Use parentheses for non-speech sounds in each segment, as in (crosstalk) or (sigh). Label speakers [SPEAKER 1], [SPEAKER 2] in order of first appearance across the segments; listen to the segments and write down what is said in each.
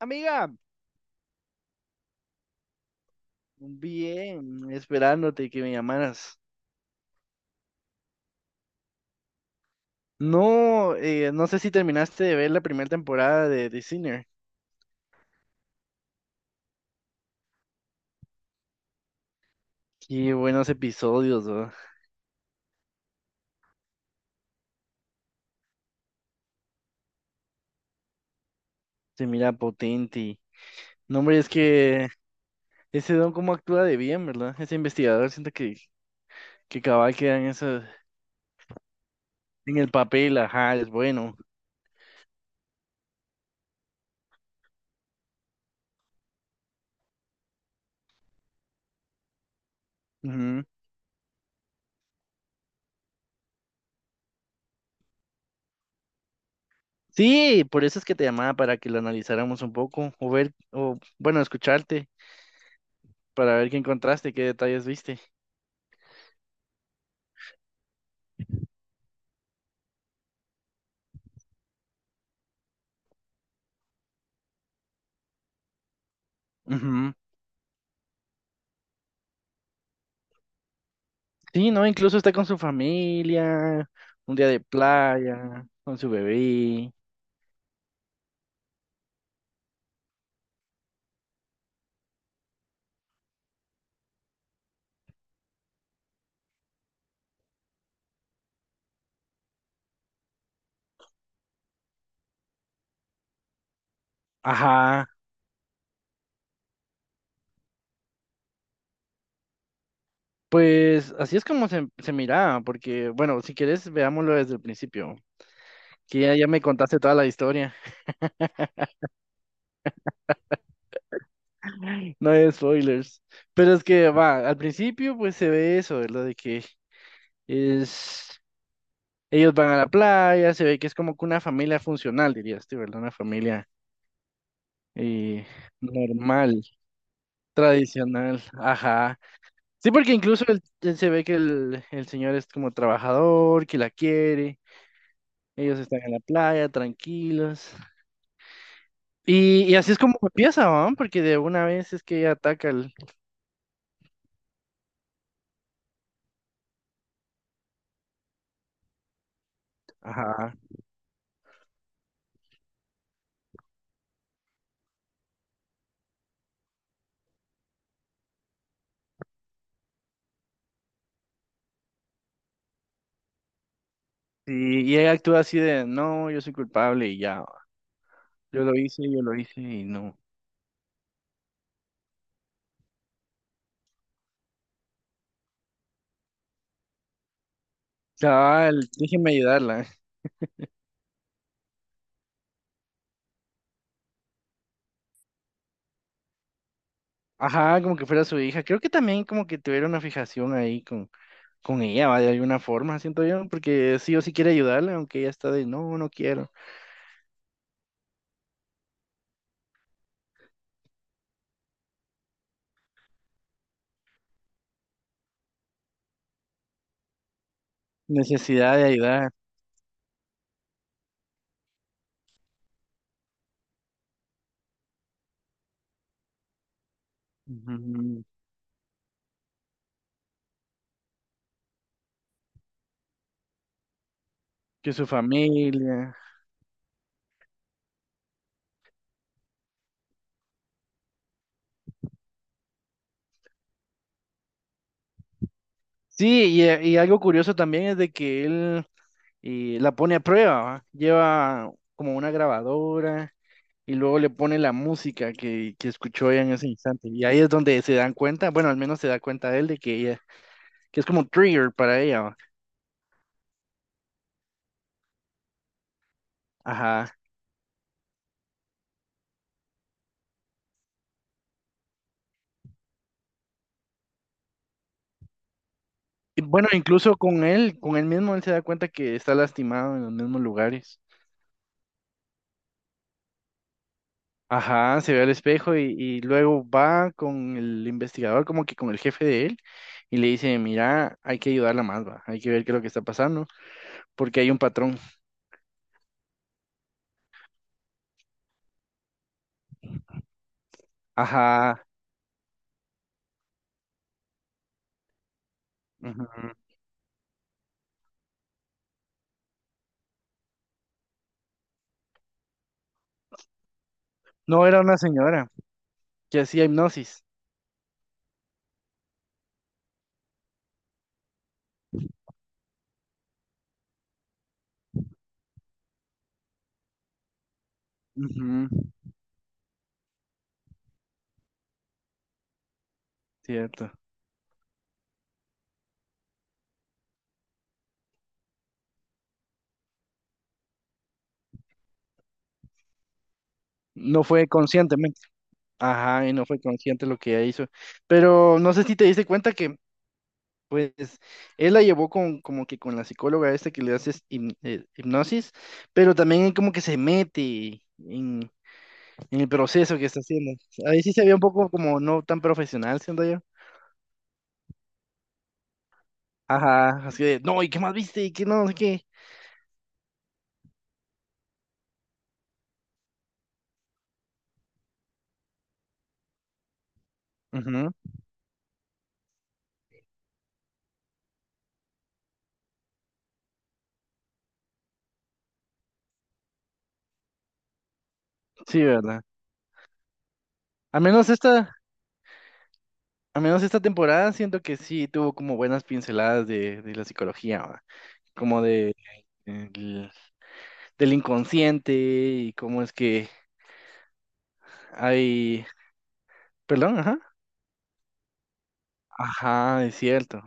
[SPEAKER 1] Amiga, bien, esperándote que me llamaras. No, no sé si terminaste de ver la primera temporada de The Sinner. Qué buenos episodios, ¿no? Se mira potente. No, hombre, es que ese don cómo actúa de bien, ¿verdad? Ese investigador siento que cabal queda en eso, en el papel, ajá, es bueno. Ujú. Sí, por eso es que te llamaba para que lo analizáramos un poco, o ver, o bueno, escucharte, para ver qué encontraste, qué detalles viste. Ujú. Sí, ¿no? Incluso está con su familia, un día de playa, con su bebé. Ajá. Pues así es como se miraba, porque, bueno, si quieres, veámoslo desde el principio, que ya, ya me contaste toda la historia. (laughs) No hay spoilers. Pero es que, va, al principio, pues se ve eso, lo de que es... Ellos van a la playa, se ve que es como que una familia funcional, dirías tú, ¿verdad? Una familia eh, normal, tradicional. Ajá. Sí, porque incluso se ve que el señor es como trabajador, que la quiere, ellos están en la playa, tranquilos. Y así es como empieza, ¿no? Porque de una vez es que ella ataca al... Ajá. Sí, y ella actúa así de, no, yo soy culpable y ya, yo lo hice y no. Cabal, déjeme ayudarla. Ajá, como que fuera su hija. Creo que también como que tuviera una fijación ahí con ella, ¿va? De alguna forma, siento yo, porque sí o sí quiere ayudarla, aunque ella está de, no, no quiero. Necesidad de ayudar. Ujú. Que su familia. Sí, y algo curioso también es de que él la pone a prueba, ¿va? Lleva como una grabadora y luego le pone la música que escuchó ella en ese instante. Y ahí es donde se dan cuenta, bueno, al menos se da cuenta él de que ella, que es como un trigger para ella, ¿va? Ajá. Y bueno, incluso con él mismo, él se da cuenta que está lastimado en los mismos lugares. Ajá, se ve al espejo y luego va con el investigador, como que con el jefe de él, y le dice, mira, hay que ayudarla más, va, hay que ver qué es lo que está pasando, porque hay un patrón. Ajá, ujú. No era una señora que hacía hipnosis. Ujú. Cierto. No fue conscientemente. Ajá, y no fue consciente lo que ella hizo. Pero no sé si te diste cuenta que, pues, él la llevó con, como que con la psicóloga esta que le hace hipnosis, pero también él como que se mete en el proceso que está haciendo. Ahí sí se ve un poco como no tan profesional, siento yo. Ajá, así de, no, ¿y qué más viste? ¿Y qué no? No sé qué. Ujú. Sí, ¿verdad? Al menos esta, al menos esta temporada siento que sí tuvo como buenas pinceladas de la psicología, ¿va? Como de, del inconsciente y cómo es que hay... Perdón, ajá. Ajá, es cierto.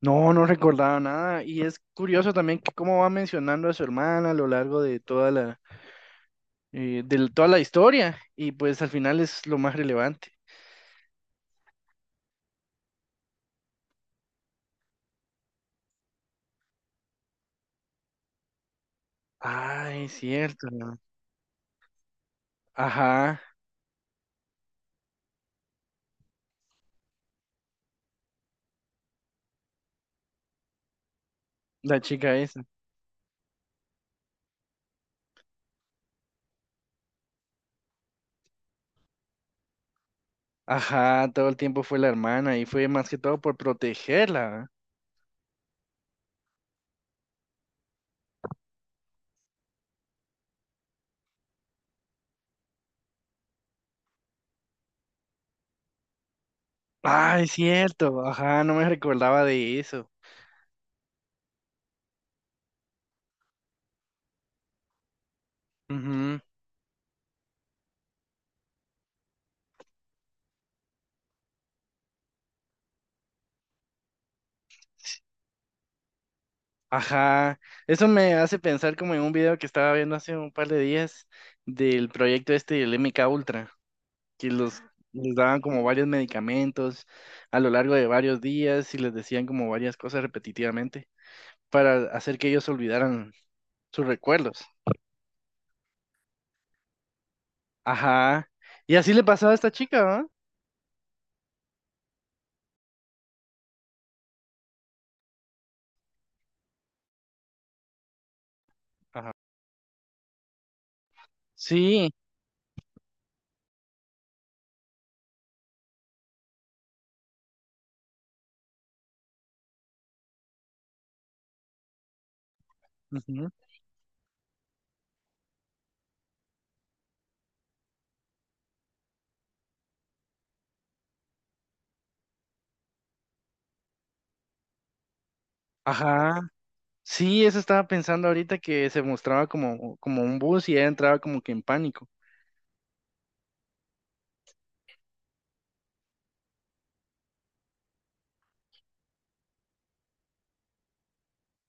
[SPEAKER 1] No, no recordaba nada. Y es curioso también que cómo va mencionando a su hermana a lo largo de toda la historia y pues al final es lo más relevante. Ah, es cierto. ¿No? Ajá, la chica esa. Ajá, todo el tiempo fue la hermana y fue más que todo por protegerla, ¿verdad? Ah, es cierto. Ajá, no me recordaba de eso. Ujú. Ajá, eso me hace pensar como en un video que estaba viendo hace un par de días del proyecto este del MK Ultra. Que los les daban como varios medicamentos a lo largo de varios días y les decían como varias cosas repetitivamente para hacer que ellos olvidaran sus recuerdos. Ajá. Y así le pasaba a esta chica, ¿verdad? Sí. Ujú. Ajá. Sí, eso estaba pensando ahorita que se mostraba como, como un bus y ella entraba como que en pánico.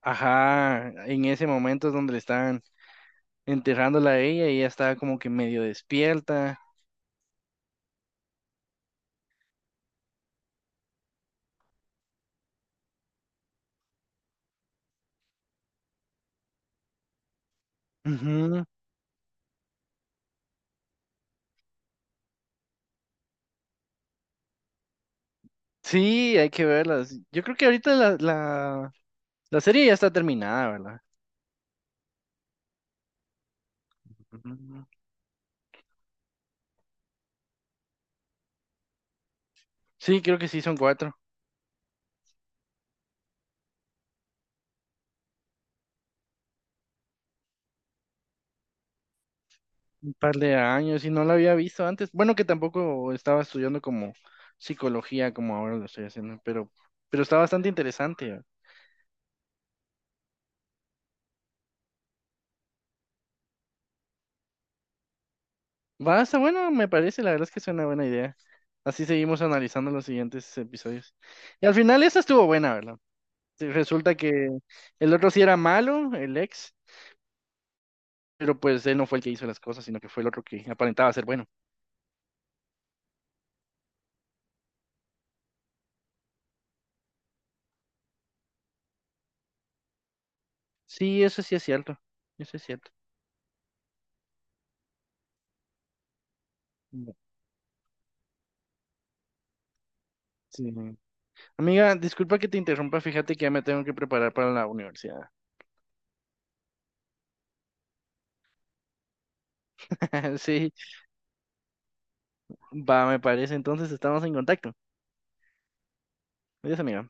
[SPEAKER 1] Ajá, en ese momento es donde le estaban enterrándola a ella y ella estaba como que medio despierta. Ujú. Sí, hay que verlas. Yo creo que ahorita la serie ya está terminada, ¿verdad? Ujú. Sí, creo que sí, son cuatro. Un par de años y no la había visto antes. Bueno, que tampoco estaba estudiando como psicología como ahora lo estoy haciendo, pero está bastante interesante. Va, está bueno, me parece, la verdad es que es una buena idea. Así seguimos analizando los siguientes episodios. Y al final esa estuvo buena, ¿verdad? Sí, resulta que el otro sí era malo, el ex, pero pues él no fue el que hizo las cosas, sino que fue el otro que aparentaba ser bueno. Sí, eso sí es cierto. Eso es cierto. No, sí, no. Amiga, disculpa que te interrumpa, fíjate que ya me tengo que preparar para la universidad. (laughs) Sí, va, me parece. Entonces estamos en contacto. Adiós, amiga.